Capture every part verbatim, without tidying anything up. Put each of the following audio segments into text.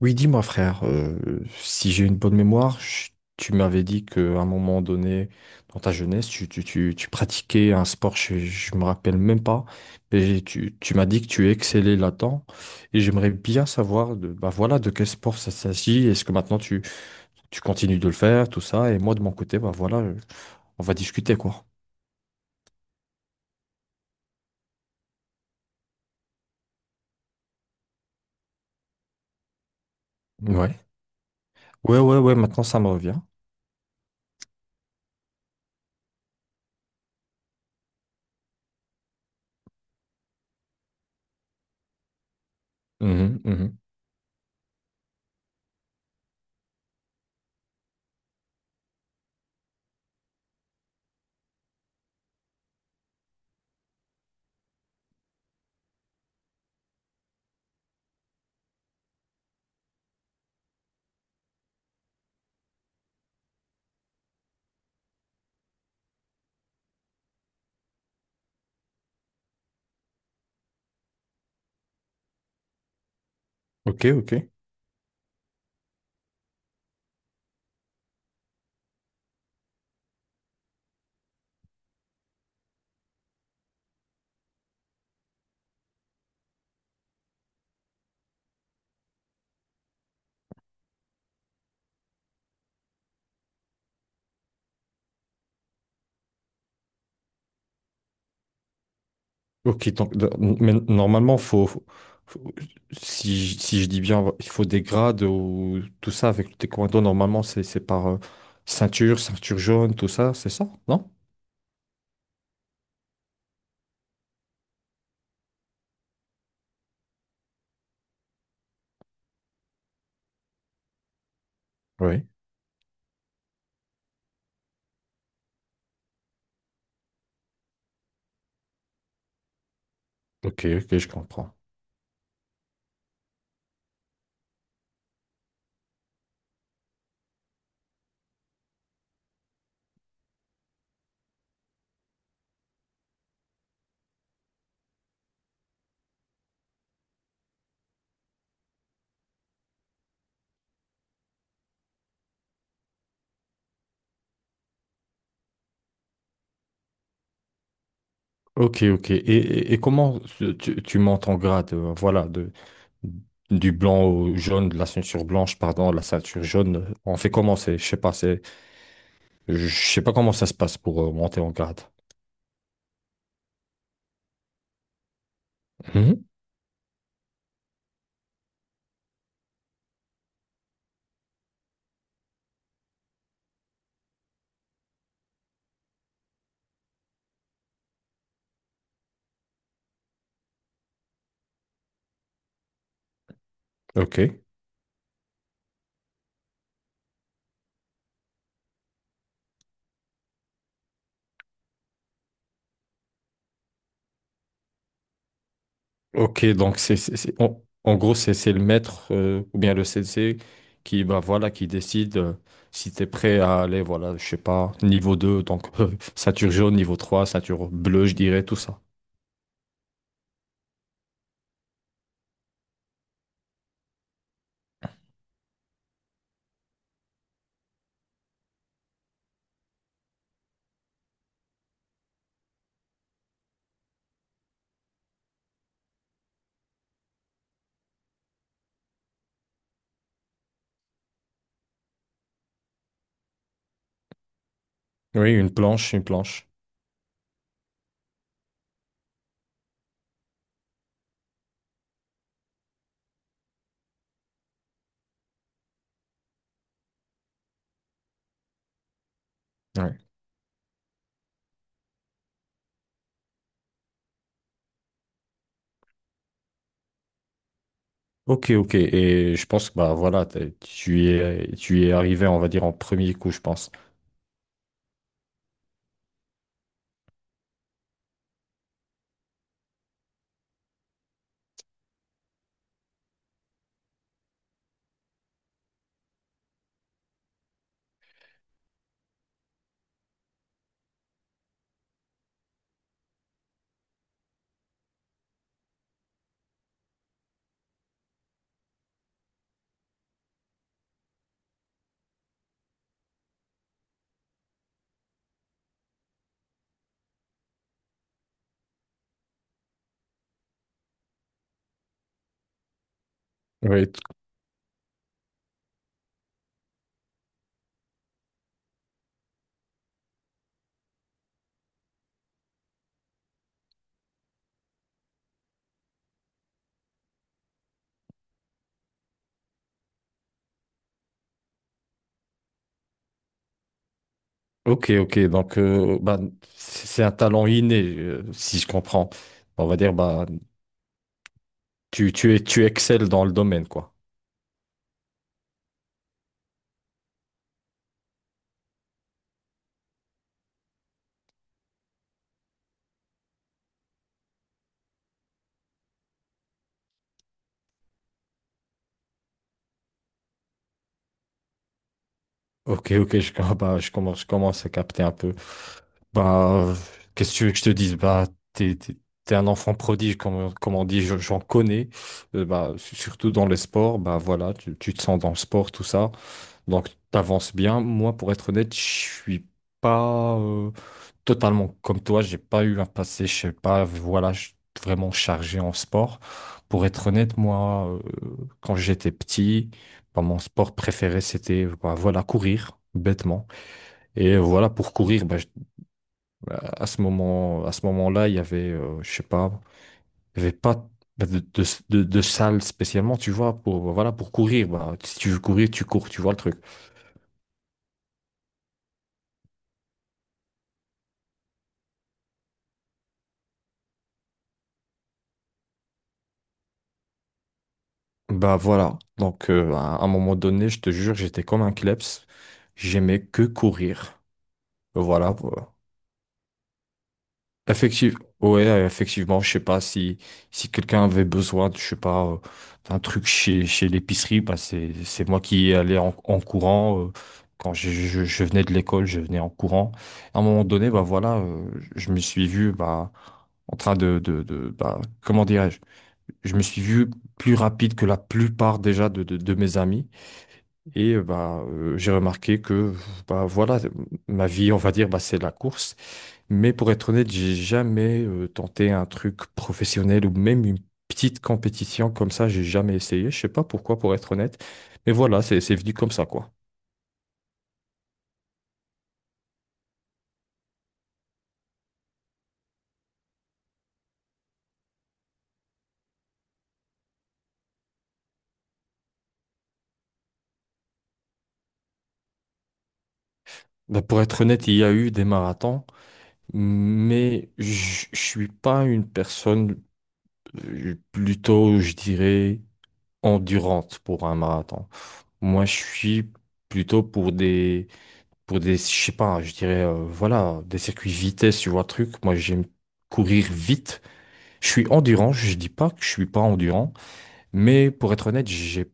Oui, dis-moi frère, euh, si j'ai une bonne mémoire, je- tu m'avais dit qu'à un moment donné, dans ta jeunesse, tu, tu, tu, tu pratiquais un sport, je, je me rappelle même pas, mais tu, tu m'as dit que tu excellais là-dedans, et j'aimerais bien savoir de, bah voilà, de quel sport ça s'agit, est-ce que maintenant tu, tu continues de le faire, tout ça, et moi de mon côté, bah voilà, euh, on va discuter quoi. Ouais. Ouais, ouais, ouais, maintenant ça me revient. Mhm, mhm. Ok, ok. Ok, donc, de- mais normalement, faut, faut- faut- si, je si je dis bien, il faut des grades ou tout ça avec le taekwondo. Normalement, c'est c'est par euh, ceinture, ceinture jaune, tout ça, c'est ça, non? Oui. Ok, ok, je comprends. Ok, ok. Et, et- et comment tu, tu tu montes en grade, euh, voilà, de, du blanc au jaune, de la ceinture blanche, pardon, la ceinture jaune. euh, On fait comment c'est, je sais pas, c'est, je sais pas comment ça se passe pour euh, monter en grade. Mhm. Ok. Ok, donc c'est, c'est- c'est- en, en gros, c'est c'est le maître euh, ou bien le sensei qui, bah, voilà, qui décide euh, si tu es prêt à aller, voilà, je sais pas, niveau deux donc euh, ceinture jaune, niveau trois ceinture bleue, je dirais, tout ça. Oui, une planche, une planche. Ouais. Ok, ok. Et je pense que bah, voilà, t'es- tu y es, tu y es arrivé, on va dire, en premier coup, je pense. Oui. t- Ok, ok. Donc, euh, bah, c'est c'est un talent inné, euh, si je comprends. On va dire, bah, tu, tu, es, tu excelles dans le domaine, quoi. Ok, ok, je, com- bah, je commence, je commence à capter un peu. Bah, euh, qu'est-ce que tu veux que je te dise? Bah, t'es, t'es- t'es un enfant prodige, comme, comme on dit, je- j'en connais. Euh, bah, su- surtout dans les sports, bah voilà, tu, tu te sens dans le sport, tout ça. Donc, t'avances bien. Moi, pour être honnête, je suis pas euh, totalement comme toi. J'ai pas eu un passé, je sais pas, voilà, je suis vraiment chargé en sport. Pour être honnête, moi, euh, quand j'étais petit, bah, mon sport préféré, c'était, bah, voilà, courir, bêtement. Et euh, voilà, pour courir, bah, à ce moment, à ce moment-là, il y avait, euh, je sais pas, il y avait pas bah, de, de, de, de salle spécialement, tu vois, pour, voilà, pour courir. Bah, si tu veux courir, tu cours, tu vois le truc. Bah voilà. Donc, euh, à un moment donné, je te jure, j'étais comme un kleps. J'aimais que courir. Voilà. Voilà. Effective- ouais, euh, effectivement, je sais pas si, si quelqu'un avait besoin, de- je sais pas, euh, d'un truc chez, chez l'épicerie, bah c'est, c'est moi qui y allais en, en courant. Euh, quand je, je, je venais de l'école, je venais en courant. À un moment donné, bah voilà, euh, je me suis vu, bah, en train de, de, de bah, comment dirais-je? Je me suis vu plus rapide que la plupart déjà de, de, de mes amis. Et euh, bah, euh, j'ai remarqué que bah, voilà, ma vie, on va dire, bah, c'est la course. Mais pour être honnête, j'ai jamais euh, tenté un truc professionnel ou même une petite compétition comme ça, j'ai jamais essayé. Je sais pas pourquoi, pour être honnête. Mais voilà, c'est c'est venu comme ça, quoi. Bah, pour être honnête, il y a eu des marathons, mais je je suis pas une personne euh, plutôt, je dirais, endurante pour un marathon. Moi, je suis plutôt pour des, pour des, je sais pas, je dirais, euh, voilà, des circuits vitesse, tu vois, truc. Moi, j'aime courir vite. Je suis endurant, je dis pas que je suis pas endurant, mais pour être honnête, j'ai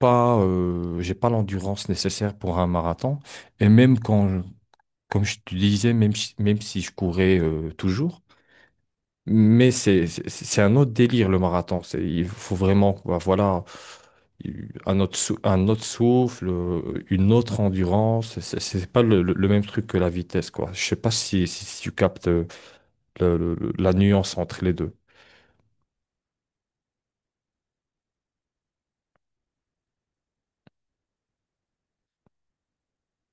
pas, euh, j'ai pas l'endurance nécessaire pour un marathon. Et même quand, je- comme je te disais, même si, même si je courais euh, toujours, mais c'est c'est c'est un autre délire le marathon. C'est, il faut vraiment, bah, voilà, un autre, sou- un autre souffle, euh, une autre endurance. C'est c'est pas le, le- le même truc que la vitesse, quoi. Je sais pas si, si, si tu captes euh, le- le- le- la nuance entre les deux.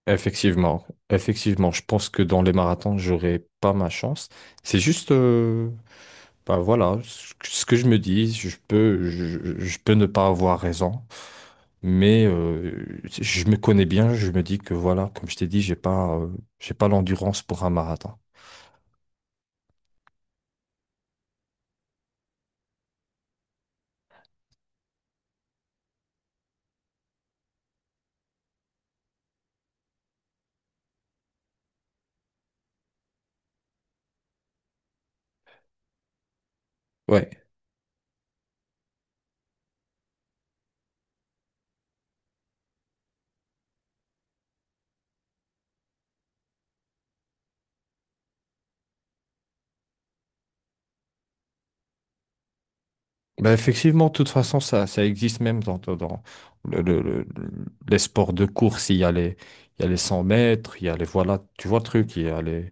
Effectivement, effectivement, je pense que dans les marathons, j'aurai pas ma chance. C'est juste, euh, bah voilà, ce que ce que je me dis, je peux, je, je peux ne pas avoir raison, mais euh, je me connais bien, je me dis que voilà, comme je t'ai dit, j'ai pas, euh, j'ai pas l'endurance pour un marathon. Ouais. Bah effectivement, de toute façon, ça, ça existe même dans, dans, dans le, le- le- les sports de course. Il y a les, il y a les cent mètres, il y a les, voilà, tu vois le truc, il y a les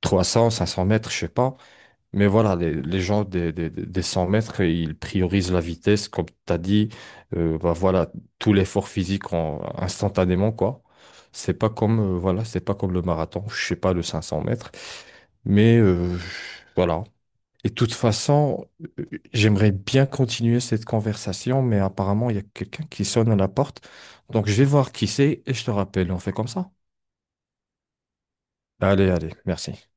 trois cents cinq cents mètres, je sais pas. Mais voilà, les, les gens des, des, des cent mètres, ils priorisent la vitesse, comme tu as dit, euh, bah voilà, tout l'effort physique en- instantanément, quoi. C'est pas comme, euh, voilà, c'est pas comme le marathon, je sais pas, le cinq cents mètres. Mais euh, voilà. Et de toute façon, euh, j'aimerais bien continuer cette conversation, mais apparemment, il y a quelqu'un qui sonne à la porte. Donc, je vais voir qui c'est et je te rappelle, on fait comme ça. Allez, allez, merci.